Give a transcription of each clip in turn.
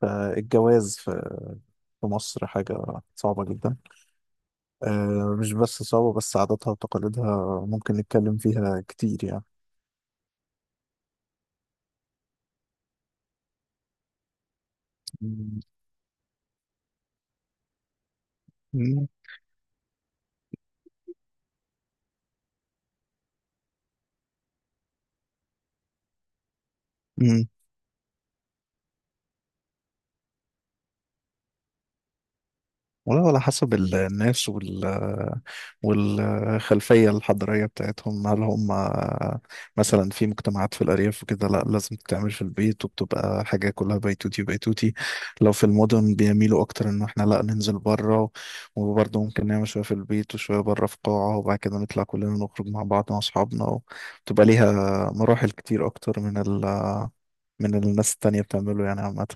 فالجواز في مصر حاجة صعبة جدا. مش بس صعبة، بس عاداتها وتقاليدها ممكن نتكلم فيها كتير يعني. مم. مم. والله على حسب الناس والخلفية الحضارية بتاعتهم. هل هم مثلا في مجتمعات في الأرياف وكده؟ لا، لازم تتعمل في البيت، وبتبقى حاجة كلها بيتوتي بيتوتي. لو في المدن بيميلوا أكتر إن احنا لا ننزل بره، وبرضه ممكن نعمل شوية في البيت وشوية بره في قاعة، وبعد كده نطلع كلنا نخرج مع بعض مع أصحابنا. بتبقى ليها مراحل كتير أكتر من الناس التانية بتعمله، يعني عامة.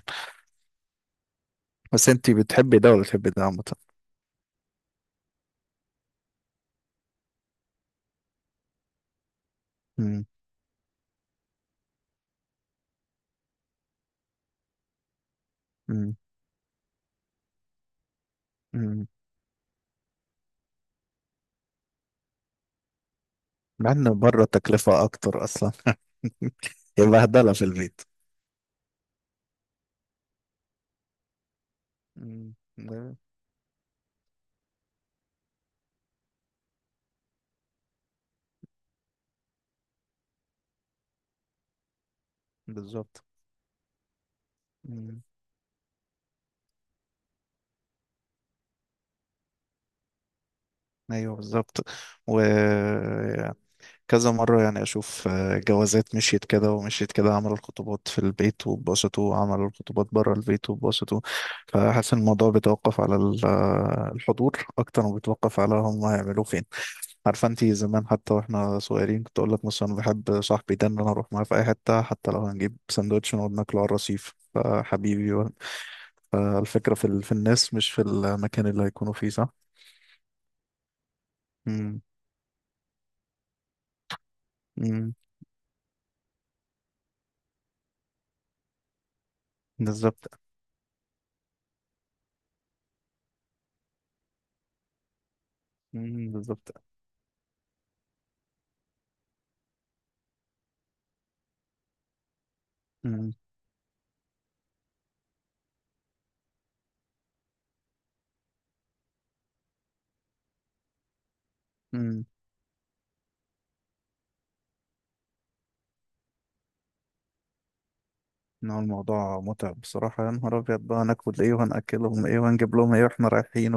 بس انتي بتحبي ده ولا بتحبي ده عامة؟ مم، مم، مم. مع ان بره التكلفة اكتر اصلا. هي بهدلة في البيت. مم. ده. بالظبط. مم. ايوه بالظبط. وكذا مرة يعني اشوف، جوازات مشيت كده ومشيت كده، عملوا الخطوبات في البيت واتبسطوا، وعملوا الخطوبات بره البيت واتبسطوا. فحاسس إن الموضوع بيتوقف على الحضور اكتر ما بيتوقف على هم هيعملوه فين. عارفه انت زمان حتى واحنا صغيرين، كنت اقول لك مثلا أنا بحب صاحبي ده، ان انا اروح معاه في اي حته، حتى لو هنجيب سندوتش ونقعد ناكله على الرصيف فحبيبي و-. فالفكره في الناس، مش في المكان اللي هيكونوا فيه، صح. امم. امم بالظبط. بالظبط. امم. امم. إن هو الموضوع متعب بصراحه، يا نهار ابيض، بقى هناكل ايه وهناكلهم ايه وهنجيب لهم ايه واحنا رايحين.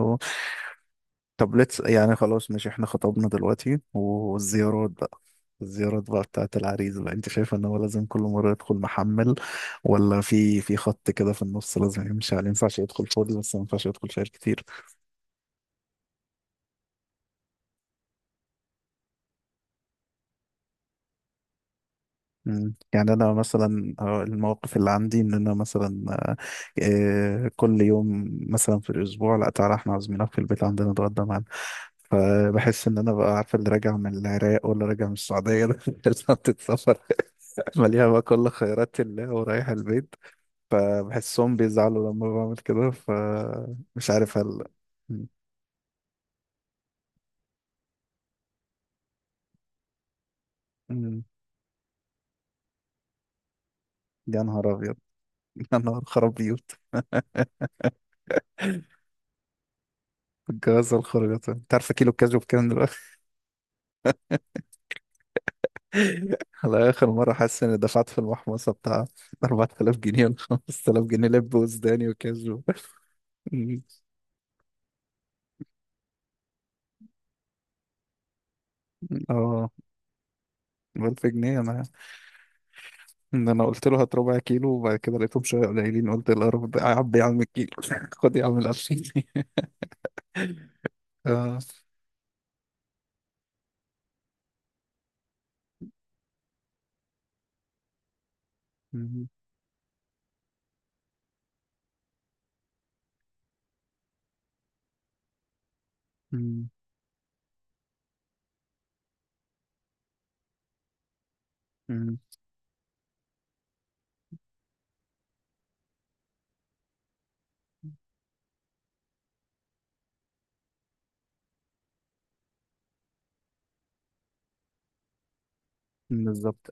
طب ليتس يعني، خلاص ماشي، احنا خطبنا دلوقتي، والزيارات بقى. الزيارات بقى بتاعت العريس، بقى انت شايف ان هو لازم كل مرة يدخل محمل، ولا في خط كده في النص لازم يمشي عليه؟ ما ينفعش يدخل فاضي بس ما ينفعش يدخل شايل كتير. مم. يعني انا مثلا، المواقف اللي عندي، ان انا مثلا، كل يوم مثلا في الاسبوع، لا تعالى احنا عازمينك في البيت عندنا نتغدى معانا. فبحس ان انا بقى عارف، اللي راجع من العراق ولا راجع من السعوديه ده، بتاعت السفر، مليها بقى كل خيرات الله ورايح البيت. فبحسهم بيزعلوا لما بعمل كده، فمش عارف هل. مم. مم. يا نهار أبيض! يا نهار خراب بيوت! الجوازة، الخرجات، أنت عارف كيلو الكاجو بكام دلوقتي؟ على آخر مرة حاسس إني دفعت في المحمصة بتاع 4000 جنيه ولا 5000 جنيه، لب وسوداني وكاجو. مم. اه، ب 1000 جنيه أنا. إن أنا قلت له هات ربع كيلو، وبعد كده لقيتهم شوية قليلين، قلت القرف ده، يا عم، يا عم الكيلو، خد يا عم ال 2000 جنيه. اه. مم. مم. مم. بالظبط.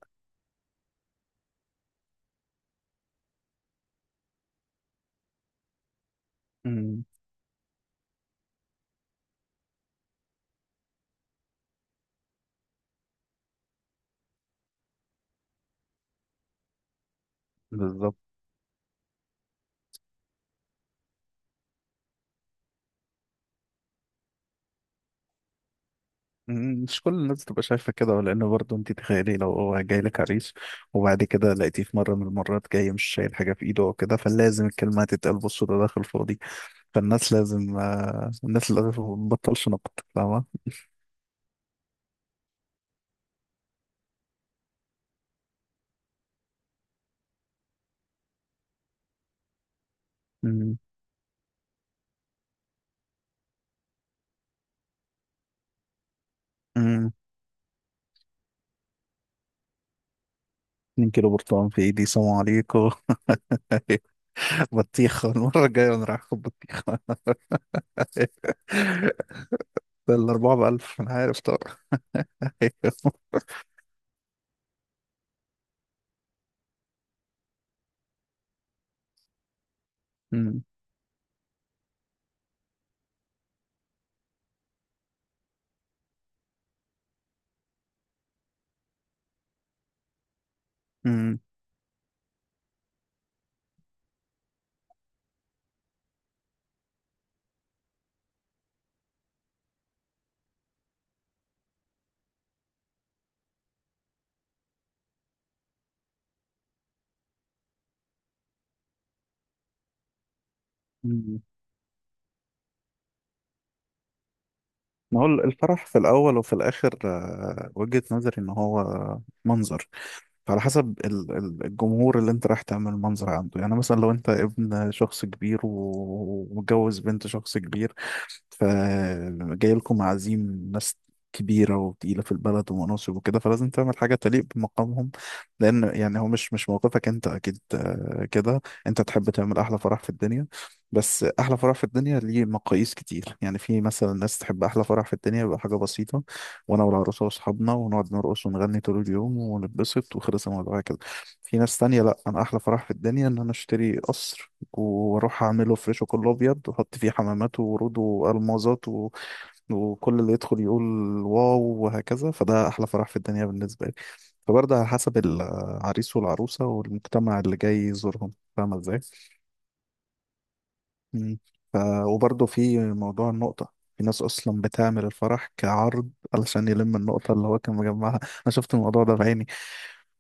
مم. بالظبط. مم. مش كل الناس تبقى شايفة كده، لأن برضه أنت تخيلي لو هو جاي لك عريس، وبعد كده لقيتيه في مرة من المرات جاي مش شايل حاجة في إيده أو كده، فلازم الكلمة هتتقال، بصوا ده داخل فاضي. فالناس لازم، الناس لازم ما تبطلش نقد، فاهمة؟ مم. مم. 2 كيلو برتقال في إيدي، سلام عليكم. بطيخة المرة الجاية أنا رايح آخد بطيخة. ده الأربعة بألف، أنا عارف طبعا. مم. مم. ما هو الفرح في الأول وفي الآخر، وجهة نظري إن هو منظر. فعلى حسب الجمهور اللي أنت رايح تعمل منظر عنده، يعني مثلا لو أنت ابن شخص كبير و- ومتجوز بنت شخص كبير، فجاي لكم عزيم ناس كبيرة وتقيلة في البلد ومناصب وكده، فلازم تعمل حاجة تليق بمقامهم. لأن يعني هو مش موقفك أنت، أكيد كده أنت تحب تعمل أحلى فرح في الدنيا. بس أحلى فرح في الدنيا ليه مقاييس كتير، يعني في مثلا ناس تحب أحلى فرح في الدنيا يبقى حاجة بسيطة، وأنا والعروسة وأصحابنا ونقعد نرقص ونغني طول اليوم ونتبسط، وخلص الموضوع كده. في ناس تانية لأ، أنا أحلى فرح في الدنيا إن أنا أشتري قصر، واروح اعمله فريشه كله ابيض، واحط فيه حمامات وورود والمازات و... وكل اللي يدخل يقول واو، وهكذا، فده احلى فرح في الدنيا بالنسبه لي. فبرضه على حسب العريس والعروسه والمجتمع اللي جاي يزورهم، فاهمه ازاي. مم. ف... وبرضه في موضوع النقطه، في ناس اصلا بتعمل الفرح كعرض علشان يلم النقطه اللي هو كان مجمعها، انا شفت الموضوع ده بعيني.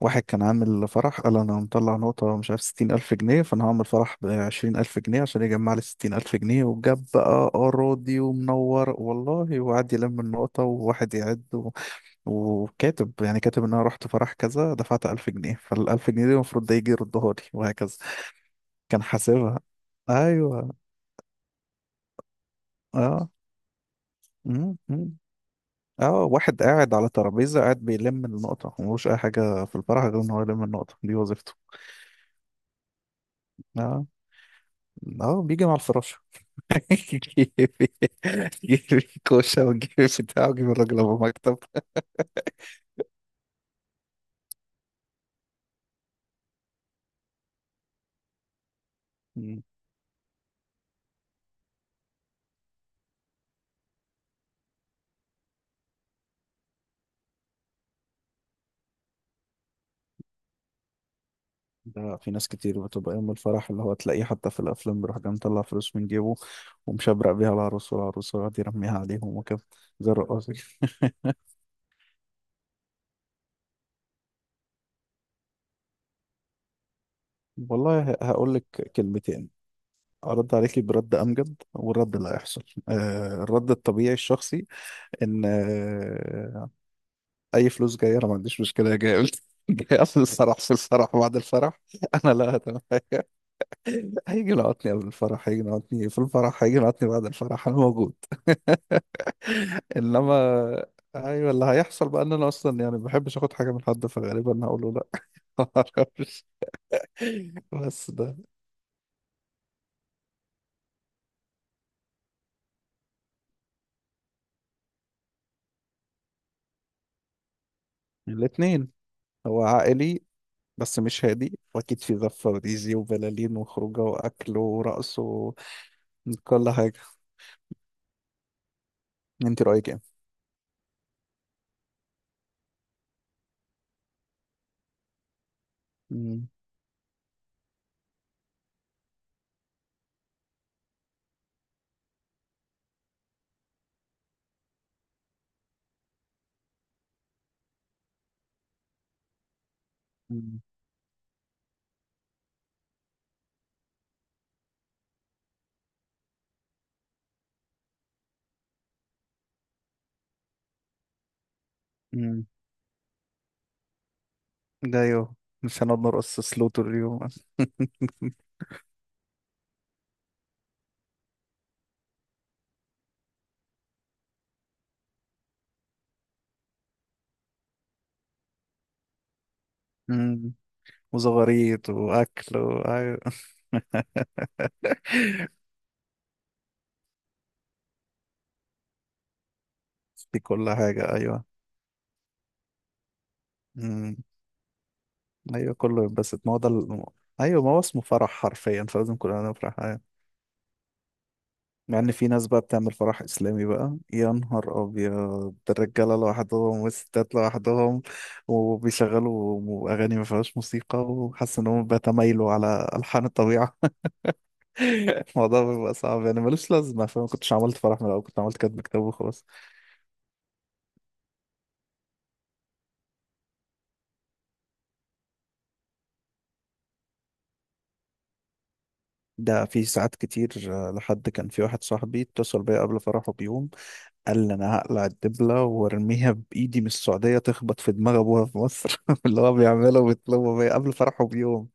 واحد كان عامل فرح، قال انا مطلع نقطة مش عارف 60000 جنيه، فانا هعمل فرح ب20000 جنيه عشان يجمع لي 60000 جنيه، وجاب بقى أراضي ومنور والله، وقعد يلم النقطة وواحد يعد و... وكاتب، يعني كاتب ان انا رحت فرح كذا دفعت 1000 جنيه، فالألف جنيه دي المفروض ده يجي يردها لي، وهكذا، كان حاسبها. ايوه. اه. مم، مم. اه، واحد قاعد على ترابيزة قاعد بيلم النقطة، وملوش أي حاجة في الفرح غير إن هو يلم النقطة، دي وظيفته. اه. اه، بيجي مع الفراش، جيبي، جيبي كوشة وجيبي بتاع وجيبي الراجل أبو مكتب. مم. ده في ناس كتير بتبقى يوم الفرح اللي هو تلاقيه حتى في الأفلام بيروح جاي مطلع فلوس من جيبه، ومشبرق بيها العروس والعروس، ويقعد يرميها عليهم وكده، زي الرقاصة. والله هقول لك كلمتين، أرد عليكي برد أمجد، والرد اللي هيحصل، الرد الطبيعي الشخصي، إن أي فلوس جاية أنا ما عنديش مشكلة، جاية، جاي قبل الفرح، في الفرح، بعد الفرح، أنا لا، تمام. هيجي ينعطني قبل الفرح، هيجي ينعطني في الفرح، هيجي ينعطني بعد الفرح، انا موجود. انما، ايوه، اللي هيحصل بقى ان انا اصلا يعني ما بحبش اخد حاجه من حد، فغالبا هقول له لا. ما اعرفش، بس ده. الاثنين. هو عائلي بس مش هادي، واكيد في زفه وديزي وبلالين وخروجه واكل ورقص وكل حاجه. انت رايك ايه؟ مم. مم. مم. ده ايوه، مش هنقعد نرقص سلو طول اليوم. مم. وزغاريت واكل و... في كل حاجة، أيوة. امم. أيوة كله ينبسط، ما هو ده ال... أيوة، ما هو اسمه فرح حرفيا، فلازم كلنا نفرح. أيوة. مع إن في ناس بقى بتعمل فرح إسلامي بقى، يا نهار أبيض، ده الرجالة لوحدهم والستات لوحدهم، وبيشغلوا أغاني ما فيهاش موسيقى، وحاسس إن هم بيتمايلوا على ألحان الطبيعة. الموضوع بيبقى صعب يعني، ملوش لازمة، فما كنتش عملت فرح من الأول، كنت عملت كاتب كتاب وخلاص. ده في ساعات كتير، لحد كان في واحد صاحبي اتصل بيا قبل فرحه بيوم، قال لي انا هقلع الدبله وارميها بايدي من السعوديه تخبط في دماغ ابوها في مصر، اللي هو بيعمله وبيطلبه بيه قبل فرحه بيوم.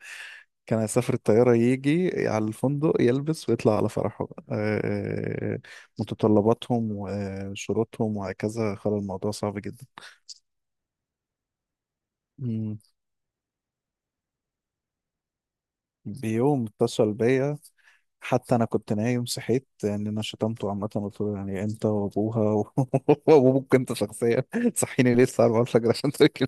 كان هيسافر الطياره يجي على الفندق يلبس ويطلع على فرحه. آه، آه، آه، متطلباتهم وشروطهم وهكذا خلى الموضوع صعب جدا. مم. بيوم اتصل بيا، حتى انا كنت نايم، صحيت يعني، انا شتمته عامه، قلت له يعني انت وابوها و- وابوك انت شخصيا، صحيني ليه الساعه 4 الفجر عشان تركب؟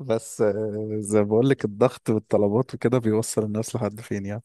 بس زي ما بقول لك الضغط والطلبات وكده بيوصل الناس لحد فين يعني